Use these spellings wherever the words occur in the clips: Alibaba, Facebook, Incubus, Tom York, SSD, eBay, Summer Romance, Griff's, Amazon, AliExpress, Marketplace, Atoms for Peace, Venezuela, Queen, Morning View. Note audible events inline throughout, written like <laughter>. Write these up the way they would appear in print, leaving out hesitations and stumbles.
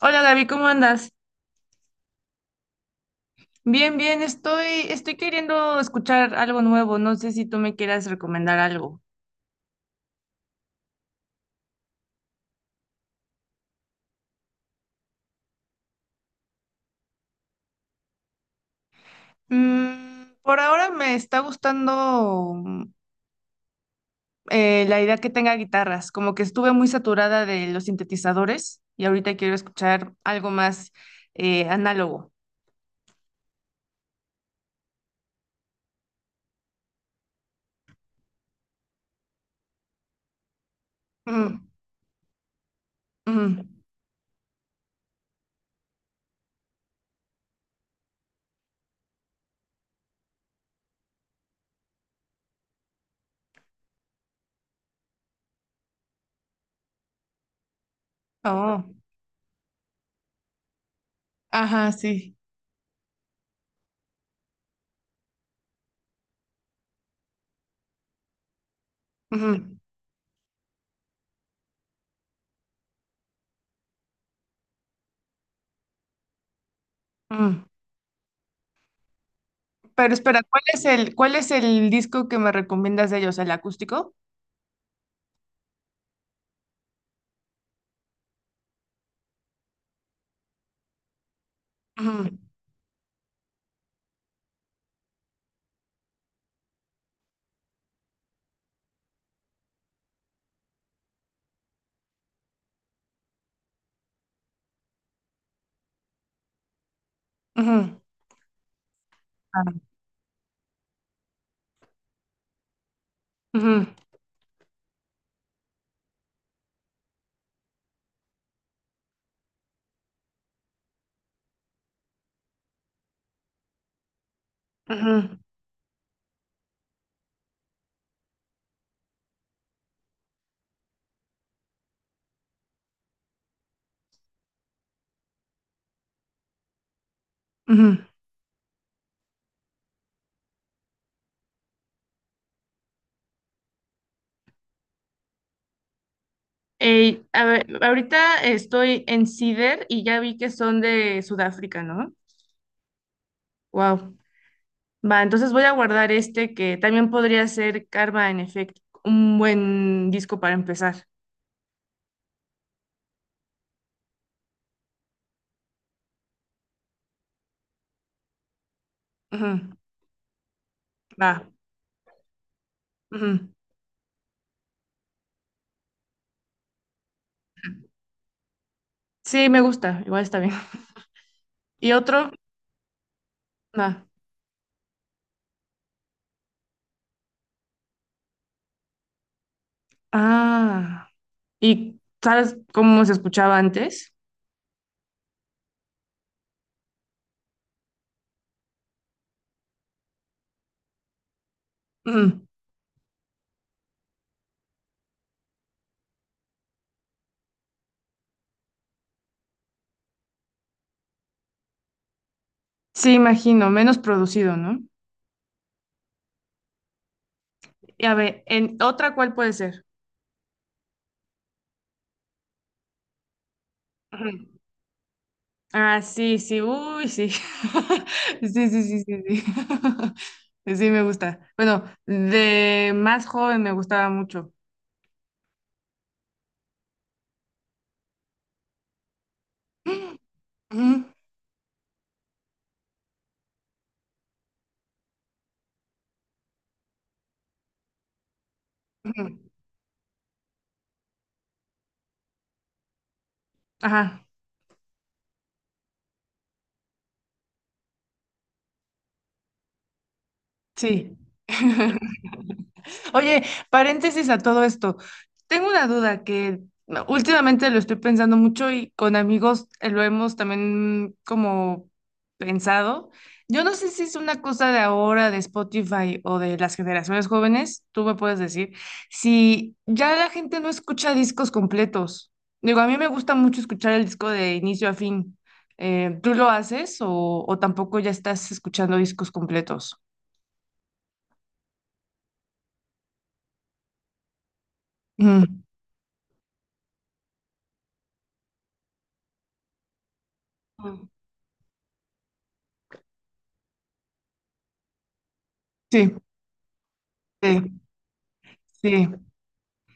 Hola Gaby, ¿cómo andas? Bien, bien, estoy queriendo escuchar algo nuevo. No sé si tú me quieras recomendar algo. Mm, por ahora me está gustando la idea que tenga guitarras, como que estuve muy saturada de los sintetizadores y ahorita quiero escuchar algo más análogo. Mm, mm, oh, ajá, sí. Ujú, mm. Pero espera, ¿cuál es el disco que me recomiendas de ellos? ¿El acústico? Ujú, ujú. Ah. Ujú, ujú, ujú. Ey, a ver, ahorita estoy en Cider y ya vi que son de Sudáfrica, ¿no? Wow. Va, entonces voy a guardar este que también podría ser Karma en efecto, un buen disco para empezar. Ujú, va. Ujú. Sí, me gusta, igual está bien. <laughs> ¿Y otro? Va. Ah. ¿Y sabes cómo se escuchaba antes? Ujú. Sí, imagino, menos producido, ¿no? Y a ver, ¿en otra cuál puede ser? Ujú. Ah, sí, sí, uy, sí. <laughs> Sí, sí, sí, sí, sí. <laughs> Sí, me gusta. Bueno, de más joven me gustaba mucho. <clears throat> Ujú, ujú. Ajá, sí. <laughs> Oye, paréntesis a todo esto. Tengo una duda que últimamente lo estoy pensando mucho y con amigos lo hemos también como pensado. Yo no sé si es una cosa de ahora, de Spotify o de las generaciones jóvenes, tú me puedes decir, si ya la gente no escucha discos completos. Digo, a mí me gusta mucho escuchar el disco de inicio a fin. ¿Tú lo haces o tampoco ya estás escuchando discos completos? Ujú. Mm. Sí, sí, sí.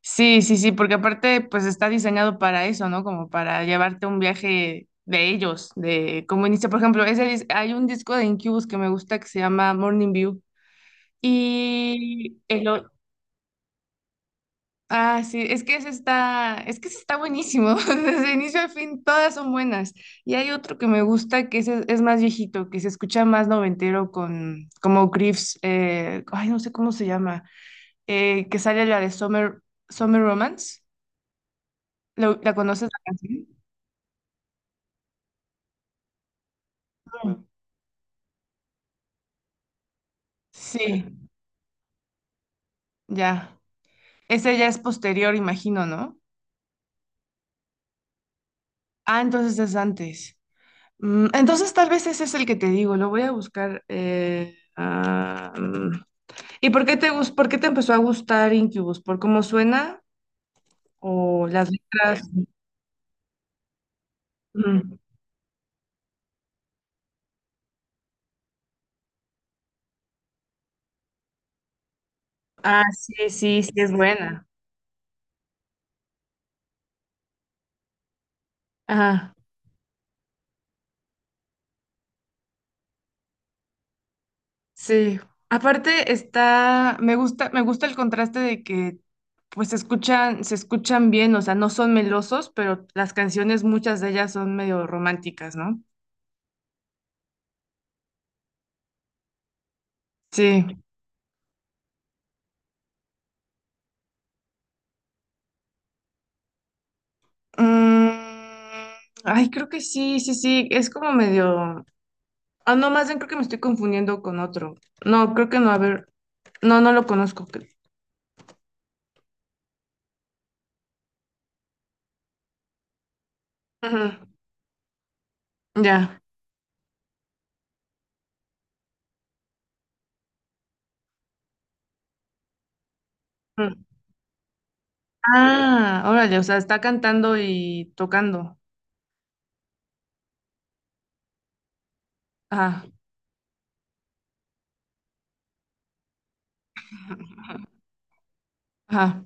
Sí, sí, sí, porque aparte, pues está diseñado para eso, ¿no? Como para llevarte un viaje de ellos, de cómo inicia. Por ejemplo, hay un disco de Incubus que me gusta que se llama Morning View. Y el o- ah, sí, es que ese está buenísimo. <laughs> Desde inicio al fin, todas son buenas. Y hay otro que me gusta que ese es más viejito, que se escucha más noventero con como Griff's, ay, no sé cómo se llama, que sale la de Summer Romance. ¿La conoces la canción? Sí, ya. Ese ya es posterior, imagino, ¿no? Ah, entonces es antes. Mm, entonces tal vez ese es el que te digo, lo voy a buscar. Mm. ¿Y por qué te empezó a gustar Incubus? ¿Por cómo suena? ¿O las letras? Mm. Ah, sí, sí, sí, es buena. Ajá, sí. Aparte está, me gusta el contraste de que pues se escuchan bien, o sea, no son melosos, pero las canciones, muchas de ellas son medio románticas, ¿no? Sí. Mm, ay, creo que sí, sí, sí, es como medio... Ah, no, más bien creo que me estoy confundiendo con otro. No, creo que no, a ver, no, no lo conozco. Creo. Ujú, ya. Ujú. Ah, órale, o sea, está cantando y tocando. Ajá, ajá.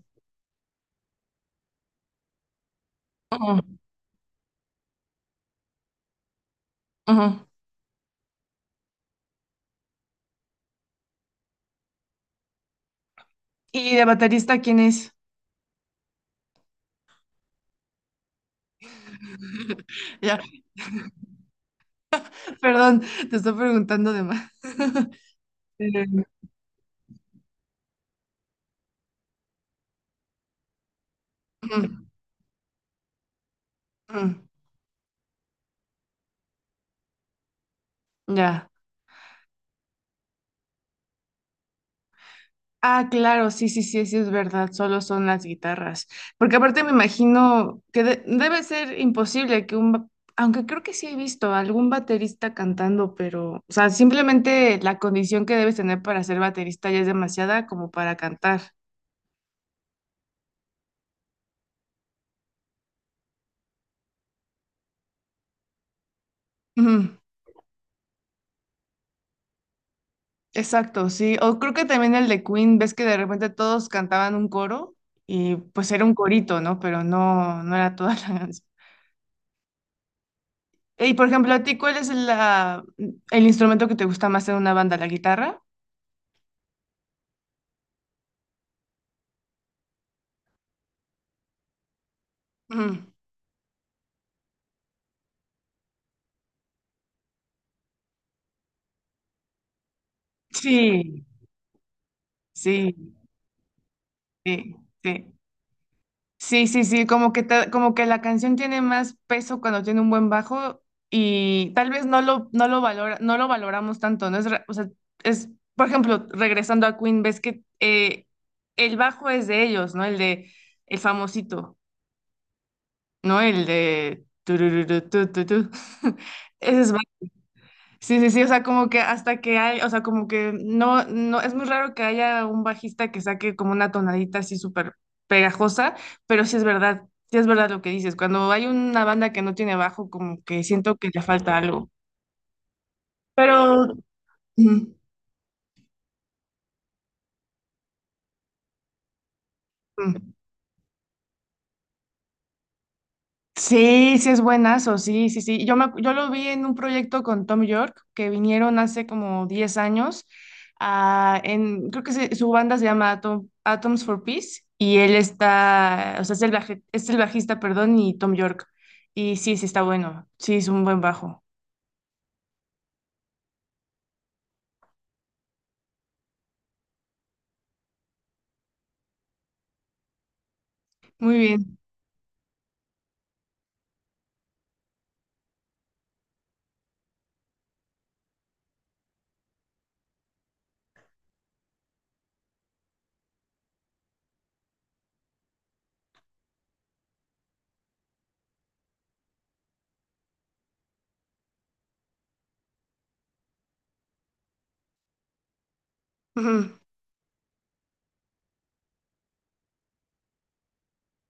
Ujú, ujú. ¿Y de baterista quién es? <laughs> Ya, perdón, te estoy preguntando de más. <laughs> Mm, mm, mm, ya. Ah, claro, sí, sí, sí, sí es verdad, solo son las guitarras. Porque aparte me imagino que debe ser imposible que aunque creo que sí he visto algún baterista cantando, pero, o sea, simplemente la condición que debes tener para ser baterista ya es demasiada como para cantar. Ujú, exacto, sí. O creo que también el de Queen, ves que de repente todos cantaban un coro y pues era un corito, ¿no? Pero no, no era toda <laughs> la canción. Y por ejemplo, ¿a ti cuál es la, ¿el instrumento que te gusta más en una banda? ¿La guitarra? Mm. Sí, sí, sí, sí. Sí, sí, sí, como que como que la canción tiene más peso cuando tiene un buen bajo y tal vez no lo no lo valoramos tanto, no es, re- o sea, es por ejemplo, regresando a Queen, ves que el bajo es de ellos, ¿no? El de el famosito, ¿no? El de tururú, tu, tu, tu. <laughs> Ese es sí, sí, sí, o sea, como que hasta que hay, o sea, como que no, no, es muy raro que haya un bajista que saque como una tonadita así súper pegajosa, pero sí es verdad lo que dices, cuando hay una banda que no tiene bajo, como que siento que le falta algo, pero... Ujú. Ujú. Sí, sí es buenazo, sí, sí, sí. Yo lo vi en un proyecto con Tom York, que vinieron hace como 10 años, creo que su banda se llama Atoms for Peace, y él está, o sea, es el bajista, perdón, y Tom York. Y sí, sí está bueno, sí, es un buen bajo. Muy bien. Ujú.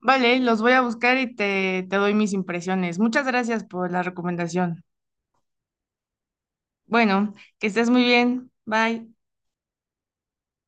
Vale, los voy a buscar te doy mis impresiones. Muchas gracias por la recomendación. Bueno, que estés muy bien. Bye.